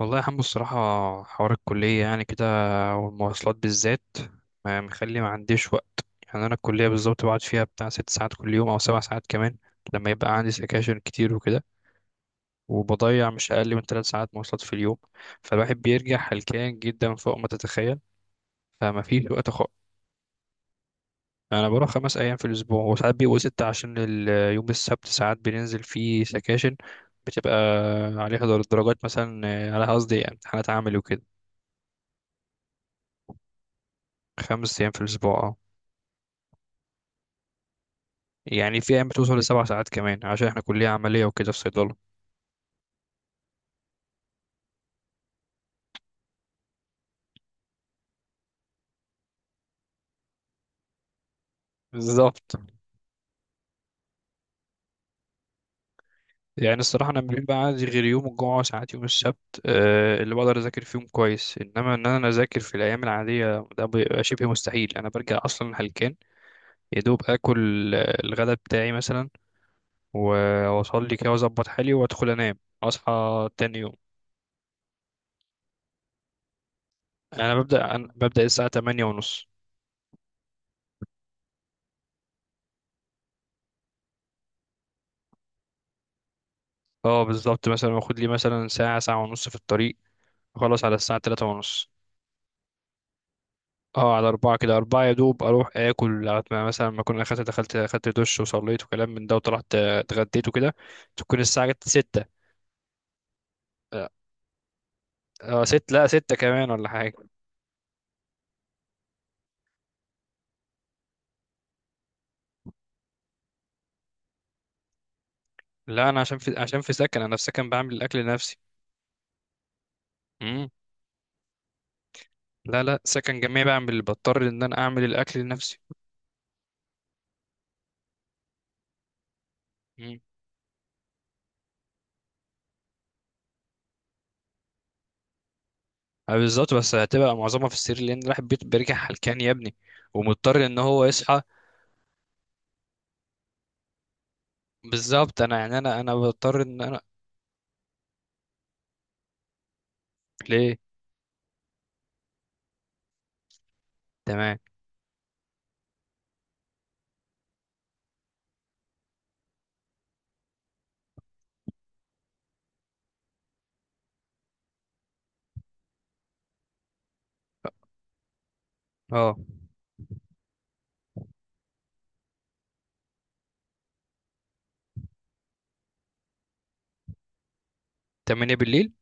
والله يا حمو، الصراحة حوار الكلية يعني كده، والمواصلات بالذات مخلي ما عنديش وقت. يعني أنا الكلية بالظبط بقعد فيها بتاع 6 ساعات كل يوم، أو 7 ساعات كمان لما يبقى عندي سكاشن كتير وكده. وبضيع مش أقل من 3 ساعات مواصلات في اليوم. فالواحد بيرجع هلكان جدا فوق ما تتخيل، فما فيش وقت خالص. أنا بروح 5 أيام في الأسبوع، وساعات بيبقوا ستة عشان يوم السبت ساعات بننزل فيه سكاشن، بتبقى عليها درجات مثلا، على قصدي امتحانات عملي وكده. 5 أيام في الأسبوع. يعني في ايام بتوصل لـ7 ساعات كمان عشان احنا كلية عملية وكده في صيدلة. بالظبط. يعني الصراحة انا ما بيبقى عندي غير يوم الجمعة وساعات يوم السبت، اللي بقدر اذاكر فيهم كويس، انما ان انا اذاكر في الايام العادية ده بيبقى شبه مستحيل. انا برجع اصلا هلكان، يا دوب اكل الغداء بتاعي مثلا، واصلي كده واظبط حالي وادخل انام اصحى تاني يوم. يعني انا ببدأ أنا ببدأ الساعة 8 ونص. اه، بالظبط، مثلا واخد لي مثلا ساعة، ساعة ونص في الطريق، اخلص على الساعة 3 ونص. اه، على أربعة كده، أربعة يا دوب أروح آكل لغاية ما مثلا ما أكون دخلت أخدت دش وصليت وكلام من ده وطلعت، اتغديت وكده، تكون الساعة جت ستة. اه. ست، لا، ستة كمان ولا حاجة. لا، أنا عشان في سكن، أنا في سكن بعمل الأكل لنفسي. مم. لا، لا، سكن جميع، بضطر إن أنا أعمل الأكل لنفسي. مم. بالظبط، بس هتبقى معظمها في السرير، لأن الواحد بيرجع حلكان يا ابني. ومضطر إن هو يصحى. بالظبط. أنا يعني أنا بضطر إن أنا. ليه؟ تمام. اه، تمانية بالليل.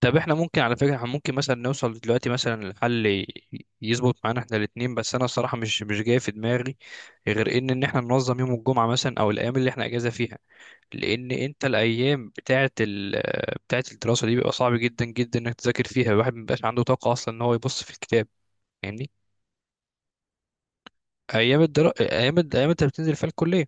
طب احنا ممكن، على فكرة احنا ممكن مثلا نوصل دلوقتي مثلا لحل، يظبط معانا احنا الاتنين، بس انا الصراحة مش جاي في دماغي غير ان احنا ننظم يوم الجمعة مثلا، او الايام اللي احنا اجازة فيها. لان انت الايام بتاعة الدراسة دي بيبقى صعب جدا جدا انك تذاكر فيها، الواحد مبيبقاش عنده طاقة اصلا ان هو يبص في الكتاب، يعني ايام الدرا... ايام الد... ايام انت بتنزل فيها الكلية.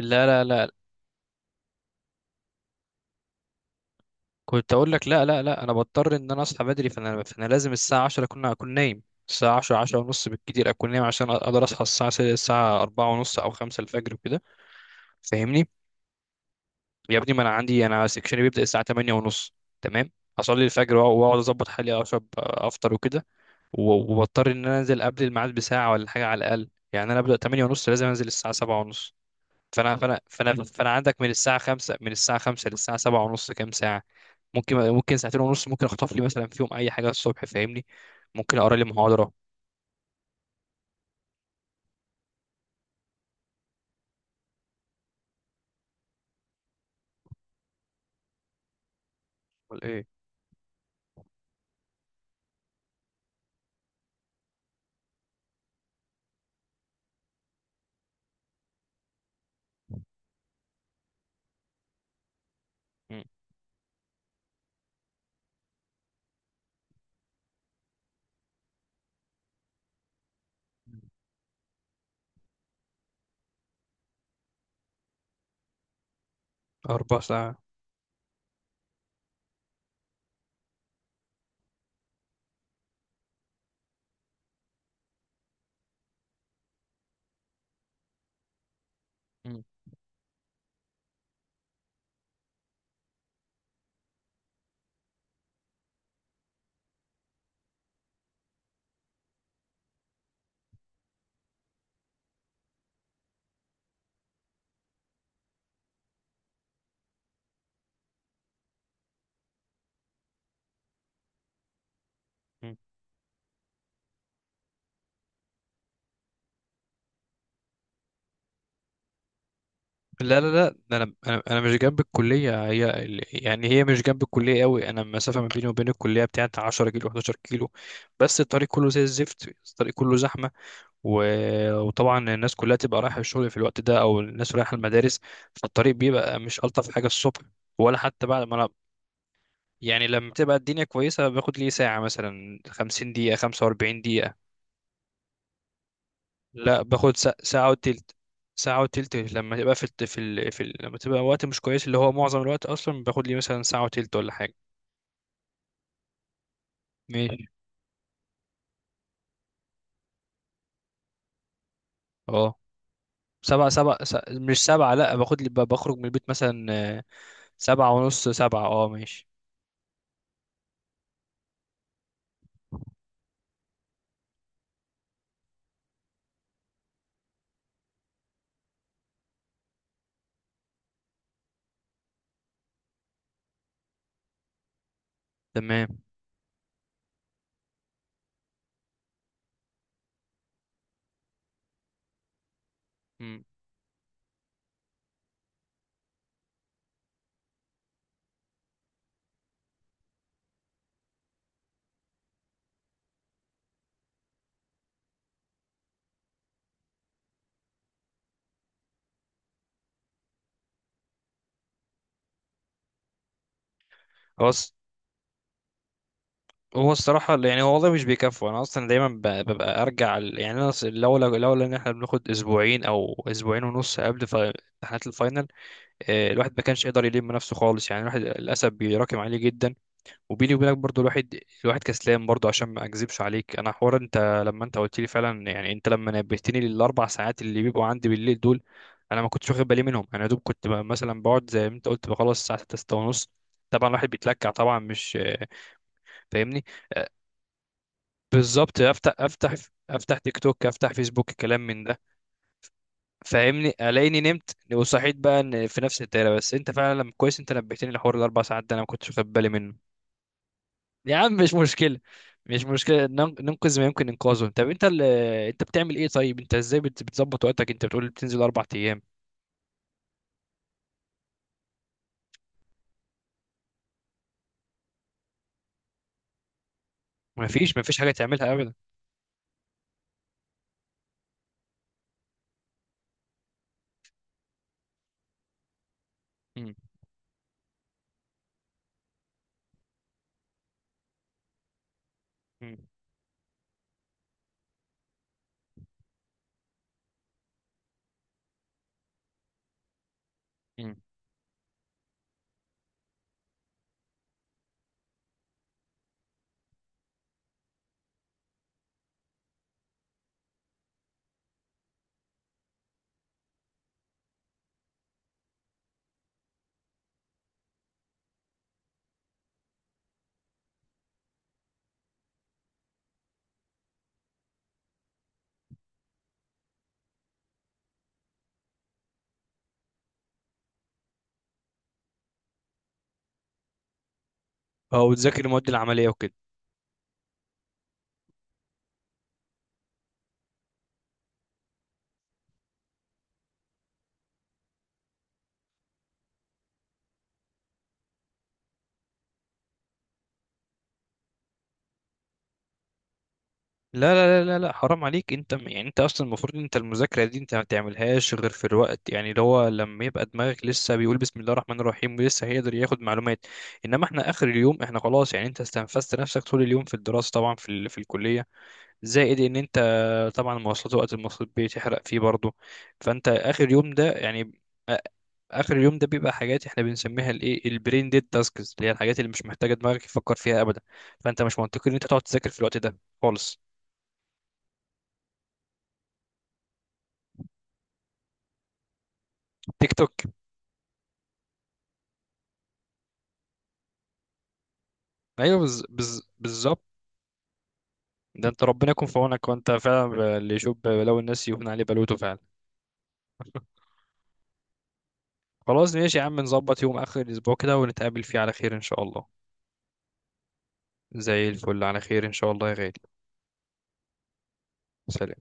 لا، لا، لا. كنت اقول لك لا، لا، لا، انا بضطر ان انا اصحى بدري، فانا لازم الساعه 10 اكون نايم. الساعه 10، 10 ونص بالكتير اكون نايم عشان اقدر اصحى الساعه 4 ونص او 5 الفجر وكده. فاهمني؟ يا ابني، ما انا عندي انا سكشني بيبدا الساعه 8 ونص. تمام. اصلي الفجر واقعد اظبط حالي اشرب افطر وكده، وبضطر ان انا انزل قبل الميعاد بساعه ولا حاجه، على الاقل يعني انا ابدا 8 ونص لازم انزل الساعه 7 ونص. فانا عندك من الساعه 5، للساعه 7 ونص كام ساعه؟ ممكن ساعتين ونص، ممكن اخطف لي مثلا فيهم اي حاجه الصبح، فاهمني؟ ممكن اقرا لي محاضره ولا ايه؟ مم. 4 ساعات. مم. مم. لا، لا، لا. ده انا مش جنب الكليه، هي يعني هي مش جنب الكليه قوي، انا المسافه ما بيني وبين الكليه بتاعت 10 كيلو، 11 كيلو. بس الطريق كله زي الزفت، الطريق كله زحمه، وطبعا الناس كلها تبقى رايحة الشغل في الوقت ده، او الناس رايحة المدارس، فالطريق بيبقى مش الطف حاجة الصبح، ولا حتى بعد ما انا. يعني لما تبقى الدنيا كويسة باخد لي ساعة مثلا، 50 دقيقة، 45 دقيقة. لا، باخد ساعة وتلت. ساعة وتلت لما تبقى في الت- في ال... في ال... لما تبقى وقت مش كويس، اللي هو معظم الوقت، اصلا باخد لي مثلا ساعة وتلت ولا حاجة. ماشي. اه، سبعة، مش سبعة. لا، باخد لي بخرج من البيت مثلا، آه، سبعة ونص، سبعة، اه، ماشي. تمام. مم. خلاص. هو الصراحة يعني، هو والله مش بيكفوا. أنا أصلا دايما ببقى أرجع يعني أنا لولا إن إحنا بناخد أسبوعين أو أسبوعين ونص قبل امتحانات الفاينل، الواحد ما كانش يقدر يلم نفسه خالص، يعني الواحد للأسف بيراكم عليه جدا. وبيني وبينك برضو الواحد كسلان برضو، عشان ما أكذبش عليك. أنا حوار أنت، لما أنت قلت لي فعلا، يعني أنت لما نبهتني للـ4 ساعات اللي بيبقوا عندي بالليل دول، أنا ما كنتش واخد بالي منهم. أنا يا دوب كنت مثلا بقعد زي ما أنت قلت، بخلص الساعة 6، 6 ونص، طبعا الواحد بيتلكع، طبعا مش، فاهمني؟ بالظبط، افتح تيك توك، افتح فيسبوك، كلام من ده. فاهمني؟ الاقيني نمت وصحيت بقى إن في نفس الدايره. بس انت فعلا كويس انت نبهتني لحوار الـ4 ساعات ده، انا ما كنتش واخد بالي منه. يا عم، مش مشكله. مش مشكله، ننقذ ما يمكن انقاذه. طب انت انت بتعمل ايه طيب؟ انت ازاي بتظبط وقتك؟ انت بتقول بتنزل 4 ايام. ما فيش حاجه تعملها ابدا. مم. مم. مم. او تذاكر المواد العمليه وكده. لا، لا، لا، لا، لا، حرام عليك. انت يعني انت اصلا المفروض، انت المذاكره دي انت ما تعملهاش غير في الوقت، يعني اللي هو لما يبقى دماغك لسه بيقول بسم الله الرحمن الرحيم ولسه هيقدر ياخد معلومات. انما احنا اخر اليوم احنا خلاص، يعني انت استنفذت نفسك طول اليوم في الدراسه، طبعا في الكليه، زائد ان انت، طبعا المواصلات، وقت المواصلات بتحرق فيه برضه. فانت اخر اليوم ده يعني أ- اخر اليوم ده بيبقى حاجات احنا بنسميها، الايه، البرين ديد تاسكس، اللي هي الحاجات اللي مش محتاجه دماغك يفكر فيها ابدا، فانت مش منطقي ان انت تقعد تذاكر في الوقت ده خالص. تيك توك. ايوه، بالظبط. ده انت ربنا يكون في عونك، وانت فعلا اللي يشوف بلاوي الناس يهون عليه بلوته فعلا. خلاص، ماشي يا عم، نظبط يوم اخر الاسبوع كده ونتقابل فيه على خير ان شاء الله. زي الفل، على خير ان شاء الله يا غالي. سلام.